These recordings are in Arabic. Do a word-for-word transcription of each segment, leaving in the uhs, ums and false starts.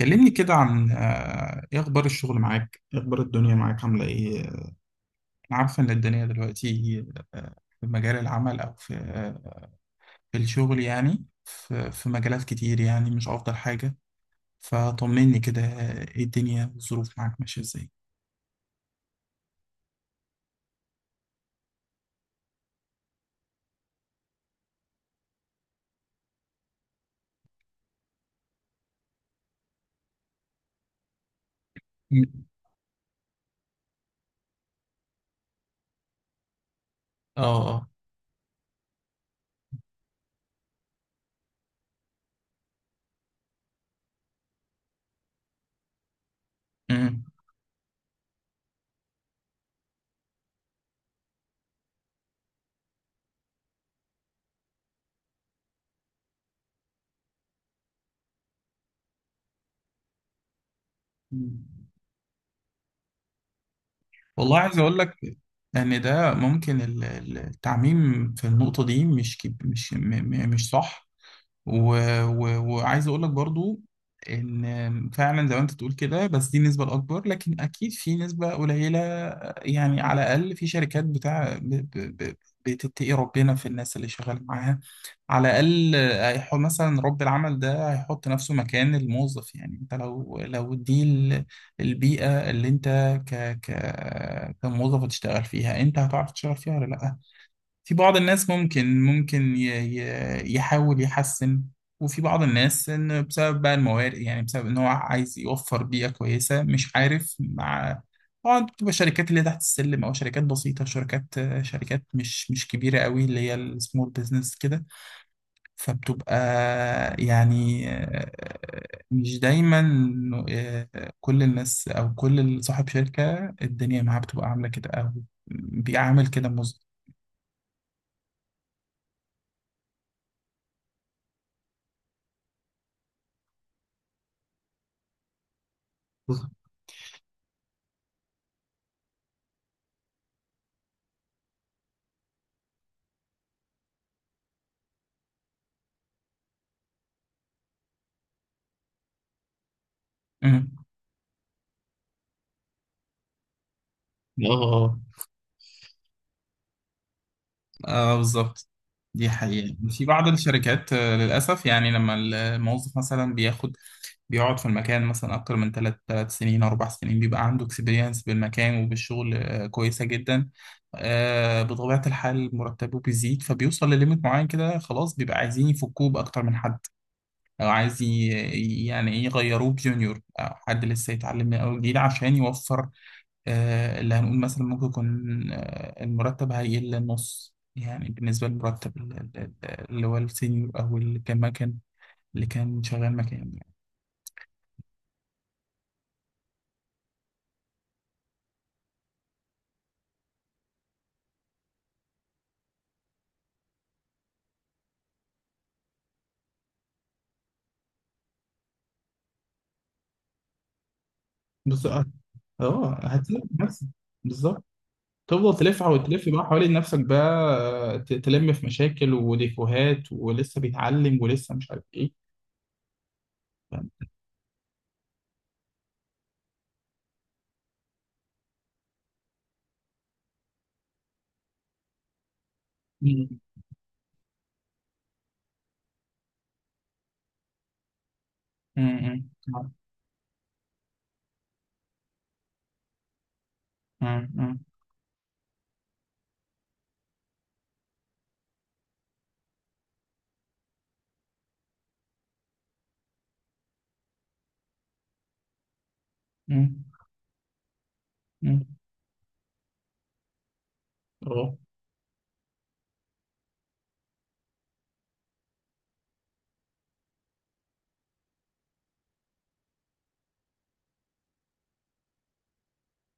كلمني كده عن آه، ايه اخبار الشغل معاك؟ ايه اخبار الدنيا معاك؟ عامله ايه؟ انا عارفه ان الدنيا دلوقتي، آه، في مجال العمل او في، آه، في الشغل، يعني في في مجالات كتير، يعني مش افضل حاجه. فطمني كده، آه، ايه الدنيا؟ الظروف معاك ماشيه ازاي؟ م- اه، اه. أمم. والله عايز اقول لك ان ده ممكن ال- ال- التعميم في النقطه دي مش كب- مش م- م- مش صح، و... و... وعايز اقول لك برضو ان فعلا زي ما انت تقول كده، بس دي النسبه الاكبر، لكن اكيد في نسبه قليله. يعني على الاقل في شركات بتاع ب... ب... ب... بتتقي ربنا في الناس اللي شغال معاها. على الاقل هيحط مثلا رب العمل ده هيحط نفسه مكان الموظف. يعني انت لو لو دي ال- البيئه اللي انت، ك... ك... كموظف هتشتغل فيها، انت هتعرف تشتغل فيها ولا لا؟ في بعض الناس ممكن ممكن ي- ي- يحاول يحسن. وفي بعض الناس إن بسبب بقى الموارد، يعني بسبب إن هو عايز يوفر بيئة كويسة مش عارف مع. طبعا بتبقى شركات اللي تحت السلم أو شركات بسيطة، شركات شركات مش مش كبيرة قوي، اللي هي السمول بزنس كده. فبتبقى، يعني، آه، مش دايما إنه آه، كل الناس أو كل صاحب شركة الدنيا معاه بتبقى عاملة كده أو بيعامل كده، مظبوط. اه آه. اه، بالظبط. دي حقيقة في بعض الشركات، آه، للأسف، يعني لما الموظف مثلا بياخد، بيقعد في المكان مثلا أكتر من ثلاث ثلاث سنين، أربع سنين، بيبقى عنده اكسبيرينس بالمكان وبالشغل آه، كويسة جدا. آه، بطبيعة الحال مرتبه بيزيد، فبيوصل لليميت معين كده، خلاص بيبقى عايزين يفكوه بأكتر من حد، أو عايز ي- يعني إيه، يغيروه بجونيور أو حد لسه يتعلم من أول جديد عشان يوفر. آه، اللي هنقول مثلا ممكن يكون آه، المرتب هيقل للنص، يعني بالنسبة للمرتب ال- ال- ال- اللي هو السينيور، أو اللي كان مكان اللي كان شغال مكان، يعني. بالظبط. اه، آه، هتلاقي نفسك، بالظبط. تفضل تلف وتلف بقى حوالين نفسك بقى. آه، ت- تلم في مشاكل وديفوهات، ولسه بيتعلم، ولسه مش عارف ايه. فاهم؟ مم. مم. مم. مم. مم. مم. اه،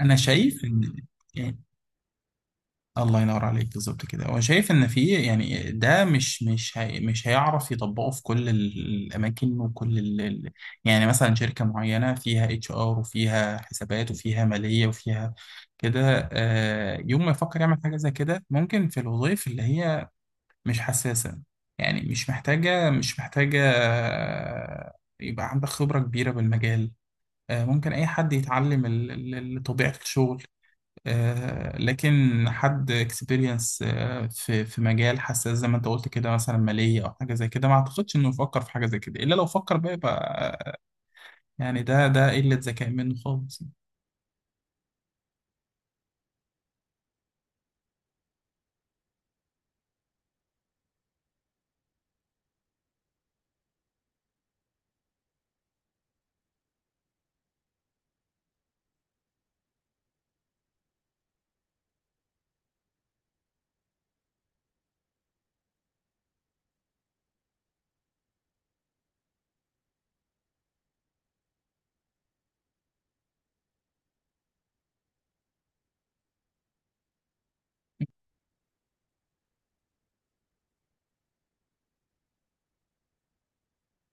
انا شايف ان، يعني، الله ينور عليك، بالظبط كده، هو شايف ان في، يعني ده مش مش هي، مش هيعرف يطبقه في كل ال- الاماكن، وكل ال ال- يعني مثلا شركه معينه فيها اتش ار وفيها حسابات وفيها ماليه وفيها كده، آه، يوم ما يفكر يعمل حاجه زي كده ممكن في الوظائف اللي هي مش حساسه، يعني مش محتاجه مش محتاجه، آه، يبقى عندك خبره كبيره بالمجال. آه، ممكن اي حد يتعلم ال- ال- ال- طبيعه الشغل. آه، لكن حد اكسبيرينس في في مجال حساس زي ما انت قلت كده، مثلا مالية او حاجة زي كده، ما اعتقدش انه يفكر في حاجة زي كده. الا لو فكر بقى، يبقى آه، يعني ده ده قلة ذكاء منه خالص.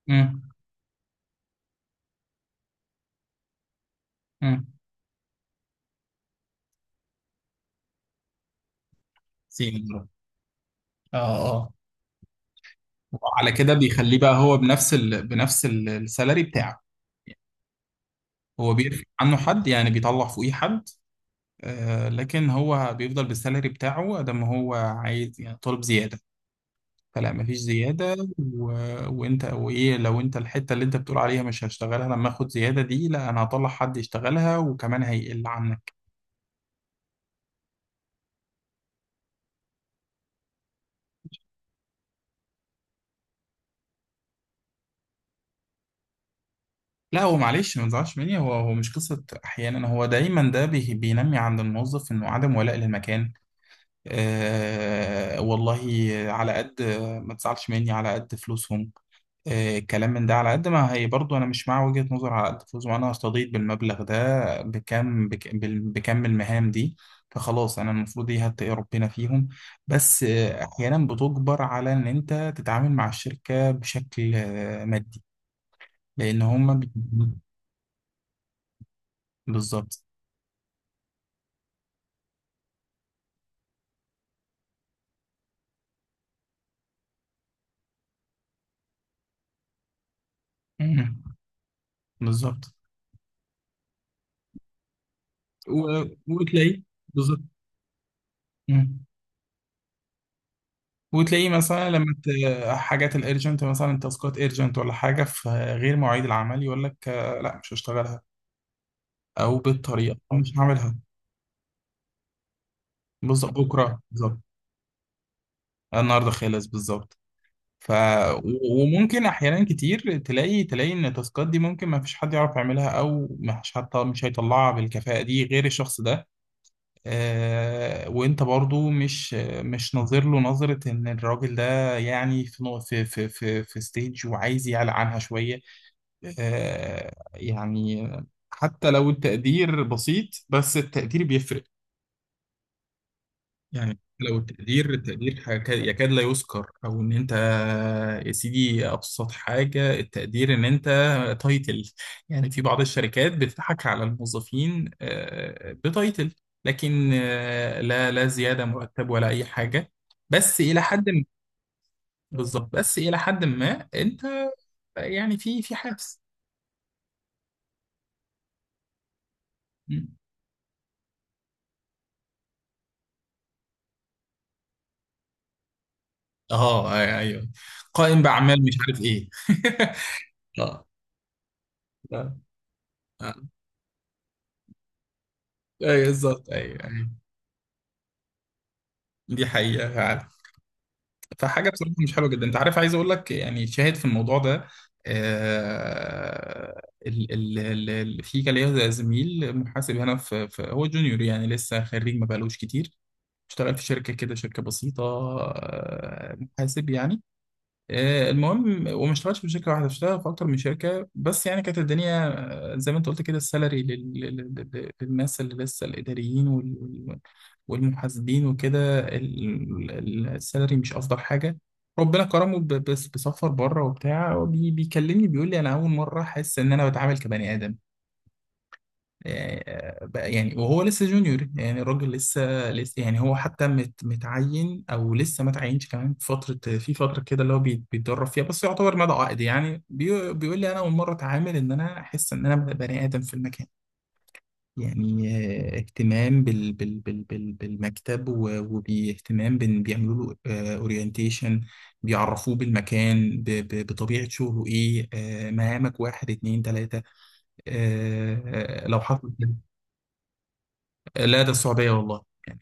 امم، امم. سيلز. اه، اه. وعلى كده بيخليه بقى هو بنفس ال... بنفس ال- السالري بتاعه. هو بيرفع عنه حد، يعني بيطلع فوقيه حد. آه، لكن هو بيفضل بالسالري بتاعه قد ما هو عايز، يعني طالب زيادة فلا مفيش زيادة، و... وانت وايه؟ لو انت الحتة اللي انت بتقول عليها مش هشتغلها لما اخد زيادة دي، لا انا هطلع حد يشتغلها وكمان هيقل عنك. لا هو، معلش ما تزعلش مني، هو هو مش قصة احيانا، هو دايما. ده بي... بينمي عند الموظف انه عدم ولاء للمكان. آه، والله، على قد ما تزعلش مني، على قد فلوسهم. آه، الكلام من ده، على قد ما هي، برضو انا مش مع وجهة نظر على قد فلوس. ما انا هستضيف بالمبلغ ده بكم، بك بال- بكم المهام دي. فخلاص انا المفروض دي هتقي ربنا فيهم، بس آه، احيانا بتجبر على ان انت تتعامل مع الشركة بشكل آه، مادي، لان هما بي- بالظبط. مم. بالظبط. و- وتلاقيه. بالظبط. مم. وتلاقيه مثلا لما ت... حاجات الارجنت، مثلا تاسكات ارجنت ولا حاجه في غير مواعيد العمل، يقول لك آه، لا مش هشتغلها، او بالطريقه أنا مش هعملها. بالظبط، بكره، بالظبط. النهارده خالص، بالظبط. ف و- وممكن احيانا كتير تلاقي تلاقي ان التاسكات دي ممكن ما فيش حد يعرف يعملها، او ما فيش حد مش هيطلعها بالكفاءه دي غير الشخص ده. آه، وانت برضو مش مش ناظر له نظره ان الراجل ده، يعني في نو- في في في, في ستيج وعايز يعلى عنها شويه. آه، يعني حتى لو التقدير بسيط، بس التقدير بيفرق. يعني لو التقدير، التقدير حاجة- يكاد لا يذكر، او ان انت يا سيدي، ابسط حاجه التقدير ان انت تايتل. يعني في بعض الشركات بتضحك على الموظفين آه، بتايتل، لكن آه، لا، لا زياده مرتب ولا اي حاجه، بس الى حد ما. بالظبط، بس الى حد ما انت، يعني في في حافز. م. اه، أي- ايوه. قائم باعمال مش عارف ايه اه. لا. آه. ايوه، بالظبط، ايوه، أيوة. دي حقيقه فعلا، فحاجه بصراحه مش حلوه جدا. انت عارف، عايز اقول لك يعني شاهد في الموضوع ده. آه، ال ال ال ال في كان ليا زميل محاسب هنا في, في، هو جونيور يعني لسه خريج ما بقالوش كتير، اشتغل في شركه كده، شركه بسيطه، آه، محاسب يعني. آه، المهم، وما اشتغلتش في شركه واحده، اشتغل في اكتر من شركه، بس يعني كانت الدنيا آه، زي ما انت قلت كده، السالري لل- لل- لل- للناس اللي لسه الاداريين وال- وال- والمحاسبين وكده، ال- ال- السالري مش افضل حاجه. ربنا كرمه، ب- بس بسفر بره وبتاع، بي- بيكلمني بيقول لي انا اول مره احس ان انا بتعامل كبني ادم. يعني، آه، بقى- يعني وهو لسه جونيور، يعني الراجل لسه لسه، يعني هو حتى مت متعين او لسه ما تعينش كمان، في فتره في فتره كده اللي هو بيت- بيتدرب فيها، بس يعتبر مدى عقد. يعني بيقو- بيقول لي انا اول مره اتعامل ان انا احس ان انا بني ادم في المكان. يعني آه، اهتمام بال بال بال بال بالمكتب، و- وباهتمام، بن- بيعملوا له اورينتيشن، بيعرفوه بالمكان، ب- ب- بطبيعه شغله ايه، آه، مهامك واحد، اتنين، تلاته. آه، آه، لو حصل. لا، ده السعودية والله، يعني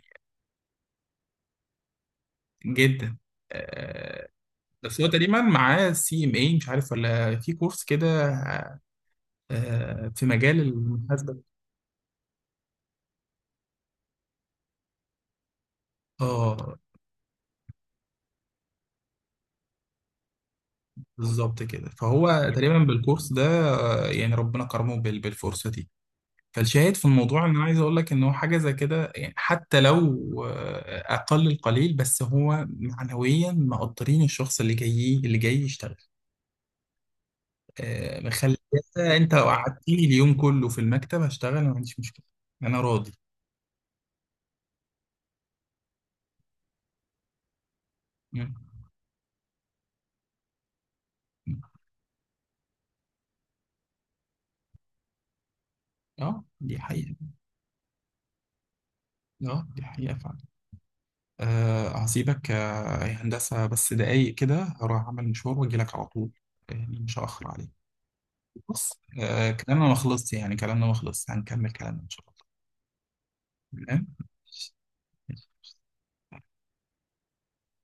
جدا. آه، بس هو تقريبا معاه سي ام اي، مش عارف ولا في كورس كده، آه، في مجال المحاسبة. اه، بالظبط كده، فهو تقريبا بالكورس ده، آه، يعني ربنا كرمه بال- بالفرصة دي. فالشاهد في الموضوع ان انا عايز اقول لك ان هو، حاجة زي كده، يعني حتى لو آه، اقل القليل، بس هو معنويا مقدرين الشخص اللي جاي، اللي جاي يشتغل، آه، مخليها. انت لو قعدتني اليوم كله في المكتب هشتغل، ما عنديش مشكله. انا راضي. مم. مم. اه، دي حقيقه. اه، دي حقيقه فعلا. آه، هسيبك، آه، يا هندسه، بس دقايق كده هروح اعمل مشوار واجي لك على طول، يعني مش هاخر عليك. بص، آه، كلامنا ما خلصش، يعني كلامنا ما خلصش، هنكمل كلامنا ان شاء الله. تمام.